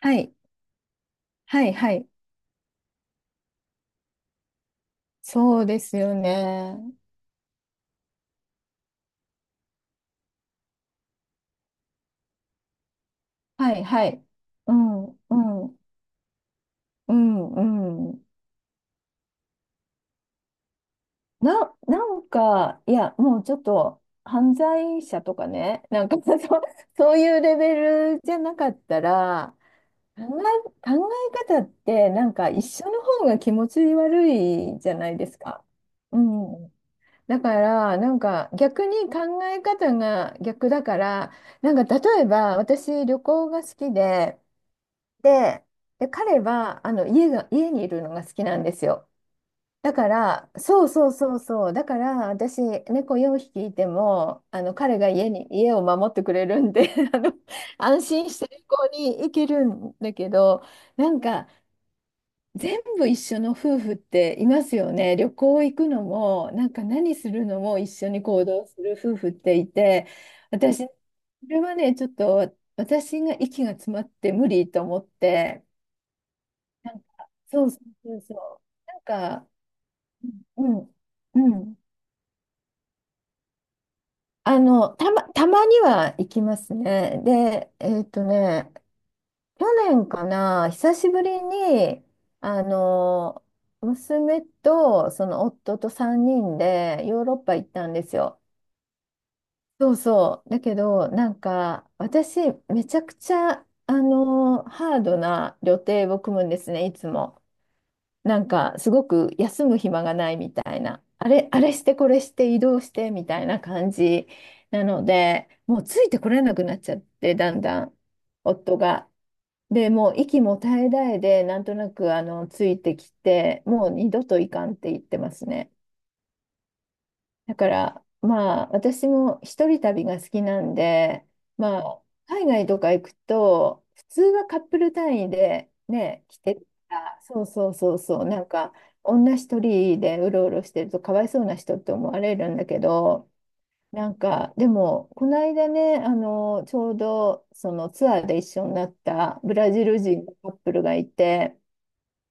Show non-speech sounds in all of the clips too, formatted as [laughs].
はい、はい、はい。そうですよね。はい、はい。うん、うん、うん、うん。なんか、いや、もうちょっと、犯罪者とかね、なんか、[laughs] そう、そういうレベルじゃなかったら、考え方って、なんか、一緒の方が気持ち悪いじゃないですか。うん。だから、なんか、逆に考え方が逆だから、なんか例えば私旅行が好きで、で彼は家にいるのが好きなんですよ。だから、そうそうそうそう、だから私、猫4匹いても、彼が家を守ってくれるんで [laughs] 安心して旅行に行けるんだけど、なんか全部一緒の夫婦っていますよね。旅行行くのも、なんか何するのも一緒に行動する夫婦っていて、私、それはね、ちょっと私が息が詰まって無理と思って。なんか、そうそうそうそう。なんか、うん、うん。うん。たまには行きますね。で、去年かな、久しぶりに、あの、娘とその夫と3人でヨーロッパ行ったんですよ。そうそう。だけど、なんか、私、めちゃくちゃ、ハードな予定を組むんですね、いつも。なんかすごく休む暇がないみたいな、あれしてこれして移動してみたいな感じなので、もうついてこれなくなっちゃって、だんだん夫が。で、もう息も絶え絶えで、なんとなくついてきて、もう二度といかんって言ってますね。だから、まあ、私も一人旅が好きなんで、まあ、海外とか行くと、普通はカップル単位でね、来てた、そうそうそうそう、なんか、女一人でうろうろしてるとかわいそうな人って思われるんだけど、なんか、でも、この間ね、ちょうど、そのツアーで一緒になったブラジル人のカップルがいて、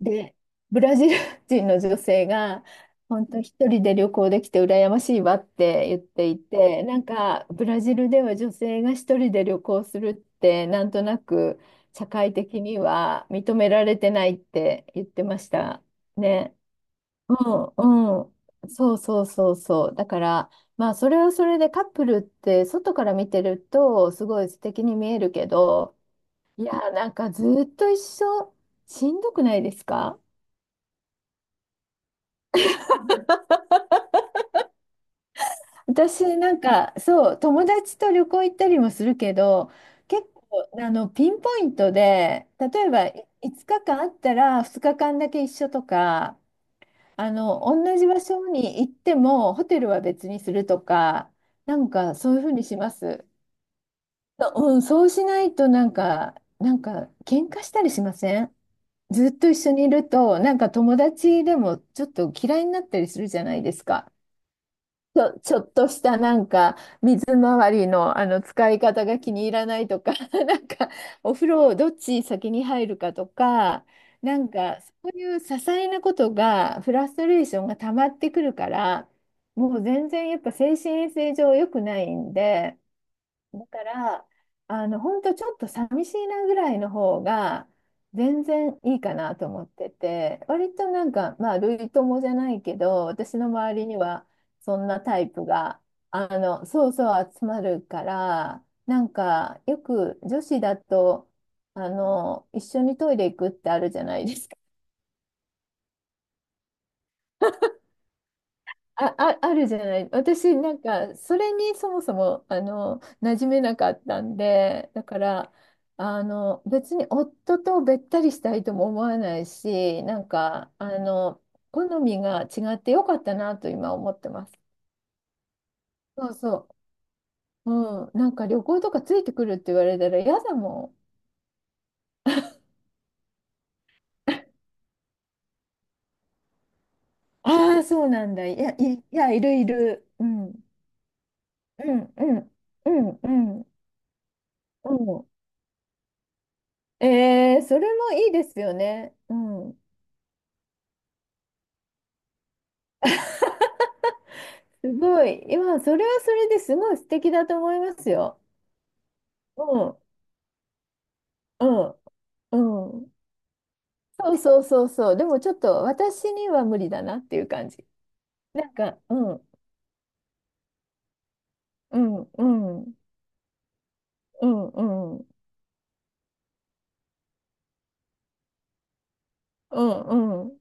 で、ブラジル人の女性が、本当一人で旅行できて羨ましいわって言っていて、なんかブラジルでは女性が一人で旅行するって、なんとなく社会的には認められてないって言ってましたね。うんうん。そうそうそうそう。だから、まあそれはそれでカップルって外から見てるとすごい素敵に見えるけど、いや、なんかずっと一緒しんどくないですか？私なんかそう友達と旅行行ったりもするけど、結構ピンポイントで、例えば5日間あったら2日間だけ一緒とか、同じ場所に行ってもホテルは別にするとか、なんかそういうふうにします。そうしないと、なんか喧嘩したりしません？ずっと一緒にいると、なんか友達でもちょっと嫌いになったりするじゃないですか。ちょっとしたなんか水回りの、使い方が気に入らないとか、 [laughs] なんかお風呂をどっち先に入るかとか、なんかそういう些細なことがフラストレーションが溜まってくるから、もう全然やっぱ精神衛生上良くないんで。だから、本当ちょっと寂しいなぐらいの方が、全然いいかなと思ってて、割となんか、まあ、類友じゃないけど、私の周りには、そんなタイプが、そうそう集まるから、なんか、よく女子だと、一緒にトイレ行くってあるじゃないですか。あるじゃない。私、なんか、それにそもそも、馴染めなかったんで、だから、別に夫とべったりしたいとも思わないし、なんか、好みが違ってよかったなと今思ってます。そうそう。うん。なんか旅行とかついてくるって言われたら嫌だもん。ああ、そうなんだ。いや、いや、いるいる。うん。うん、うん、うん、うん。うん。それもいいですよね。うん。すごい。いや、それはそれですごい素敵だと思いますよ。うん、うん、うん。そうそうそうそう。でもちょっと私には無理だなっていう感じ。なんか、うん、うん、うん、うん、うん、うん、うん。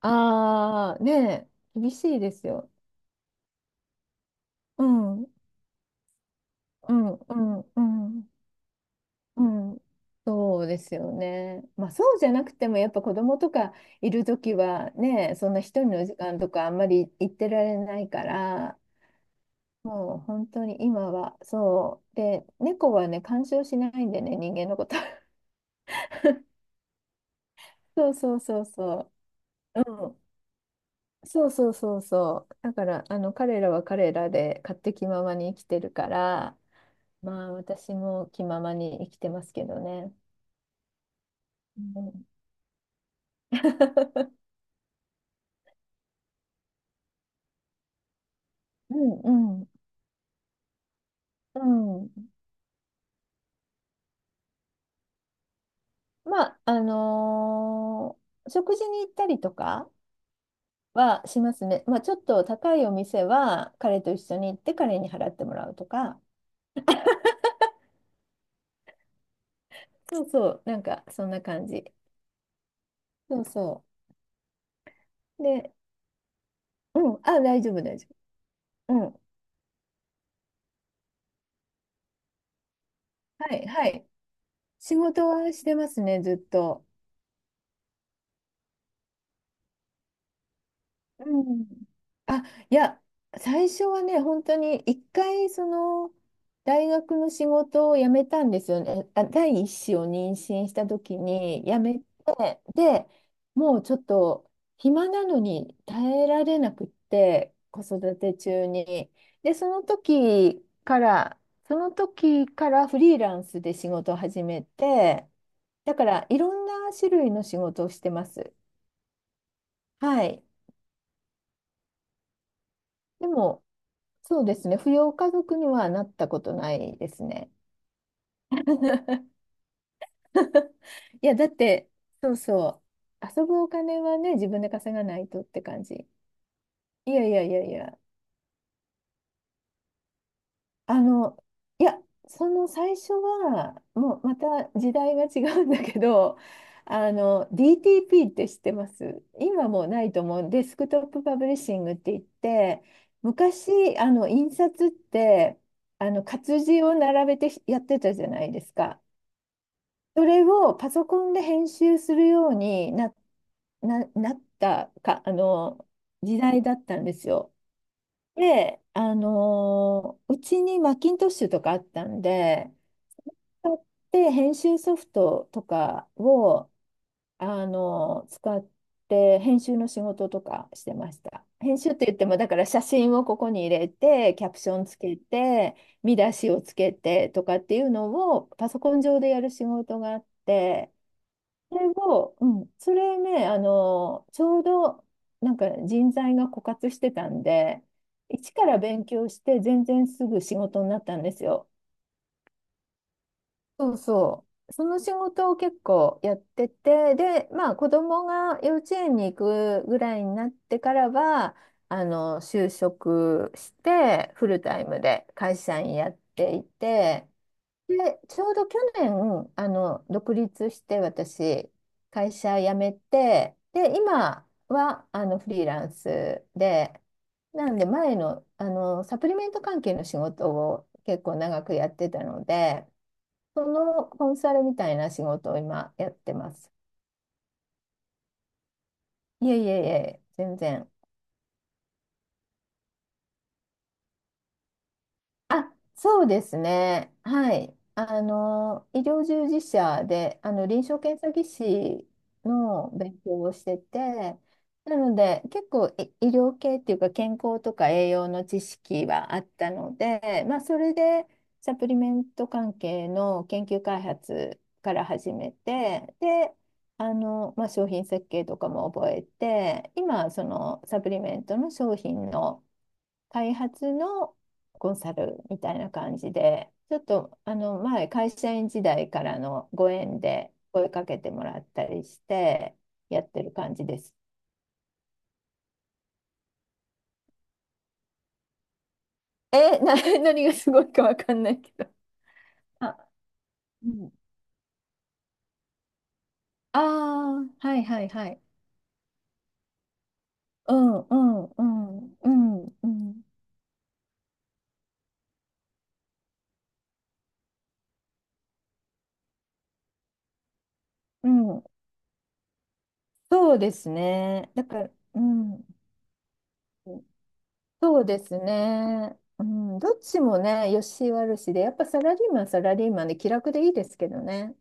ああ、ねえ、厳しいですよ。うん、うん、うん、うん、うん。そうですよね。まあそうじゃなくてもやっぱ子供とかいるときはね、そんな一人の時間とかあんまり行ってられないから、もう本当に今はそう。で、猫はね、干渉しないんでね、人間のこと。[laughs] そうそうそうそう。うん。そうそうそうそう。だから、彼らは彼らで勝手気ままに生きてるから、まあ私も気ままに生きてますけどね。うん、[laughs] うんうんうん。まあ食事に行ったりとかはしますね。まあちょっと高いお店は彼と一緒に行って彼に払ってもらうとか。そうそう、なんかそんな感じ。そうそう。で、うん、あ、大丈夫、大丈夫。うん。はい、はい。仕事はしてますね、ずっと。うん。あ、いや、最初はね、本当に一回、大学の仕事を辞めたんですよね。あ、第一子を妊娠した時に辞めて、で、もうちょっと暇なのに耐えられなくって、子育て中に。で、その時からフリーランスで仕事を始めて、だからいろんな種類の仕事をしてます。はい。でもそうですね。扶養家族にはなったことないですね。[laughs] いや、だって、そうそう。遊ぶお金はね、自分で稼がないとって感じ。いやいやいやいや。あの、いや、その最初は、もうまた時代が違うんだけど、DTP って知ってます？今もうないと思う。デスクトップパブリッシングって言って、昔、印刷って、活字を並べてやってたじゃないですか。それをパソコンで編集するようになったか、時代だったんですよ。で、うちにマッキントッシュとかあったんで、使って編集ソフトとかを、使って編集の仕事とかしてました。編集って言っても、だから写真をここに入れて、キャプションつけて、見出しをつけてとかっていうのをパソコン上でやる仕事があって、それを、うん、それね、ちょうどなんか人材が枯渇してたんで、一から勉強して全然すぐ仕事になったんですよ。そうそう。その仕事を結構やってて、で、まあ子供が幼稚園に行くぐらいになってからは、就職してフルタイムで会社員やっていて、で、ちょうど去年、独立して私、会社辞めて、で、今は、フリーランスで、なんで前の、サプリメント関係の仕事を結構長くやってたので、そのコンサルみたいな仕事を今やってます。いえいえいえ、全然。あ、そうですね。はい。医療従事者で、臨床検査技師の勉強をしてて、なので、結構医療系っていうか、健康とか栄養の知識はあったので、まあ、それで、サプリメント関係の研究開発から始めて、で、まあ、商品設計とかも覚えて、今、そのサプリメントの商品の、開発のコンサルみたいな感じで、ちょっと前、会社員時代からのご縁で声かけてもらったりして、やってる感じです。え、[laughs] 何がすごいかわかんないけど。あ、うん。ああ、はいはいはい。うんうんうんうんうんうん。そうですね。だから、うん。そうですね。うん、どっちもね、良し悪しで、やっぱサラリーマンはサラリーマンで気楽でいいですけどね。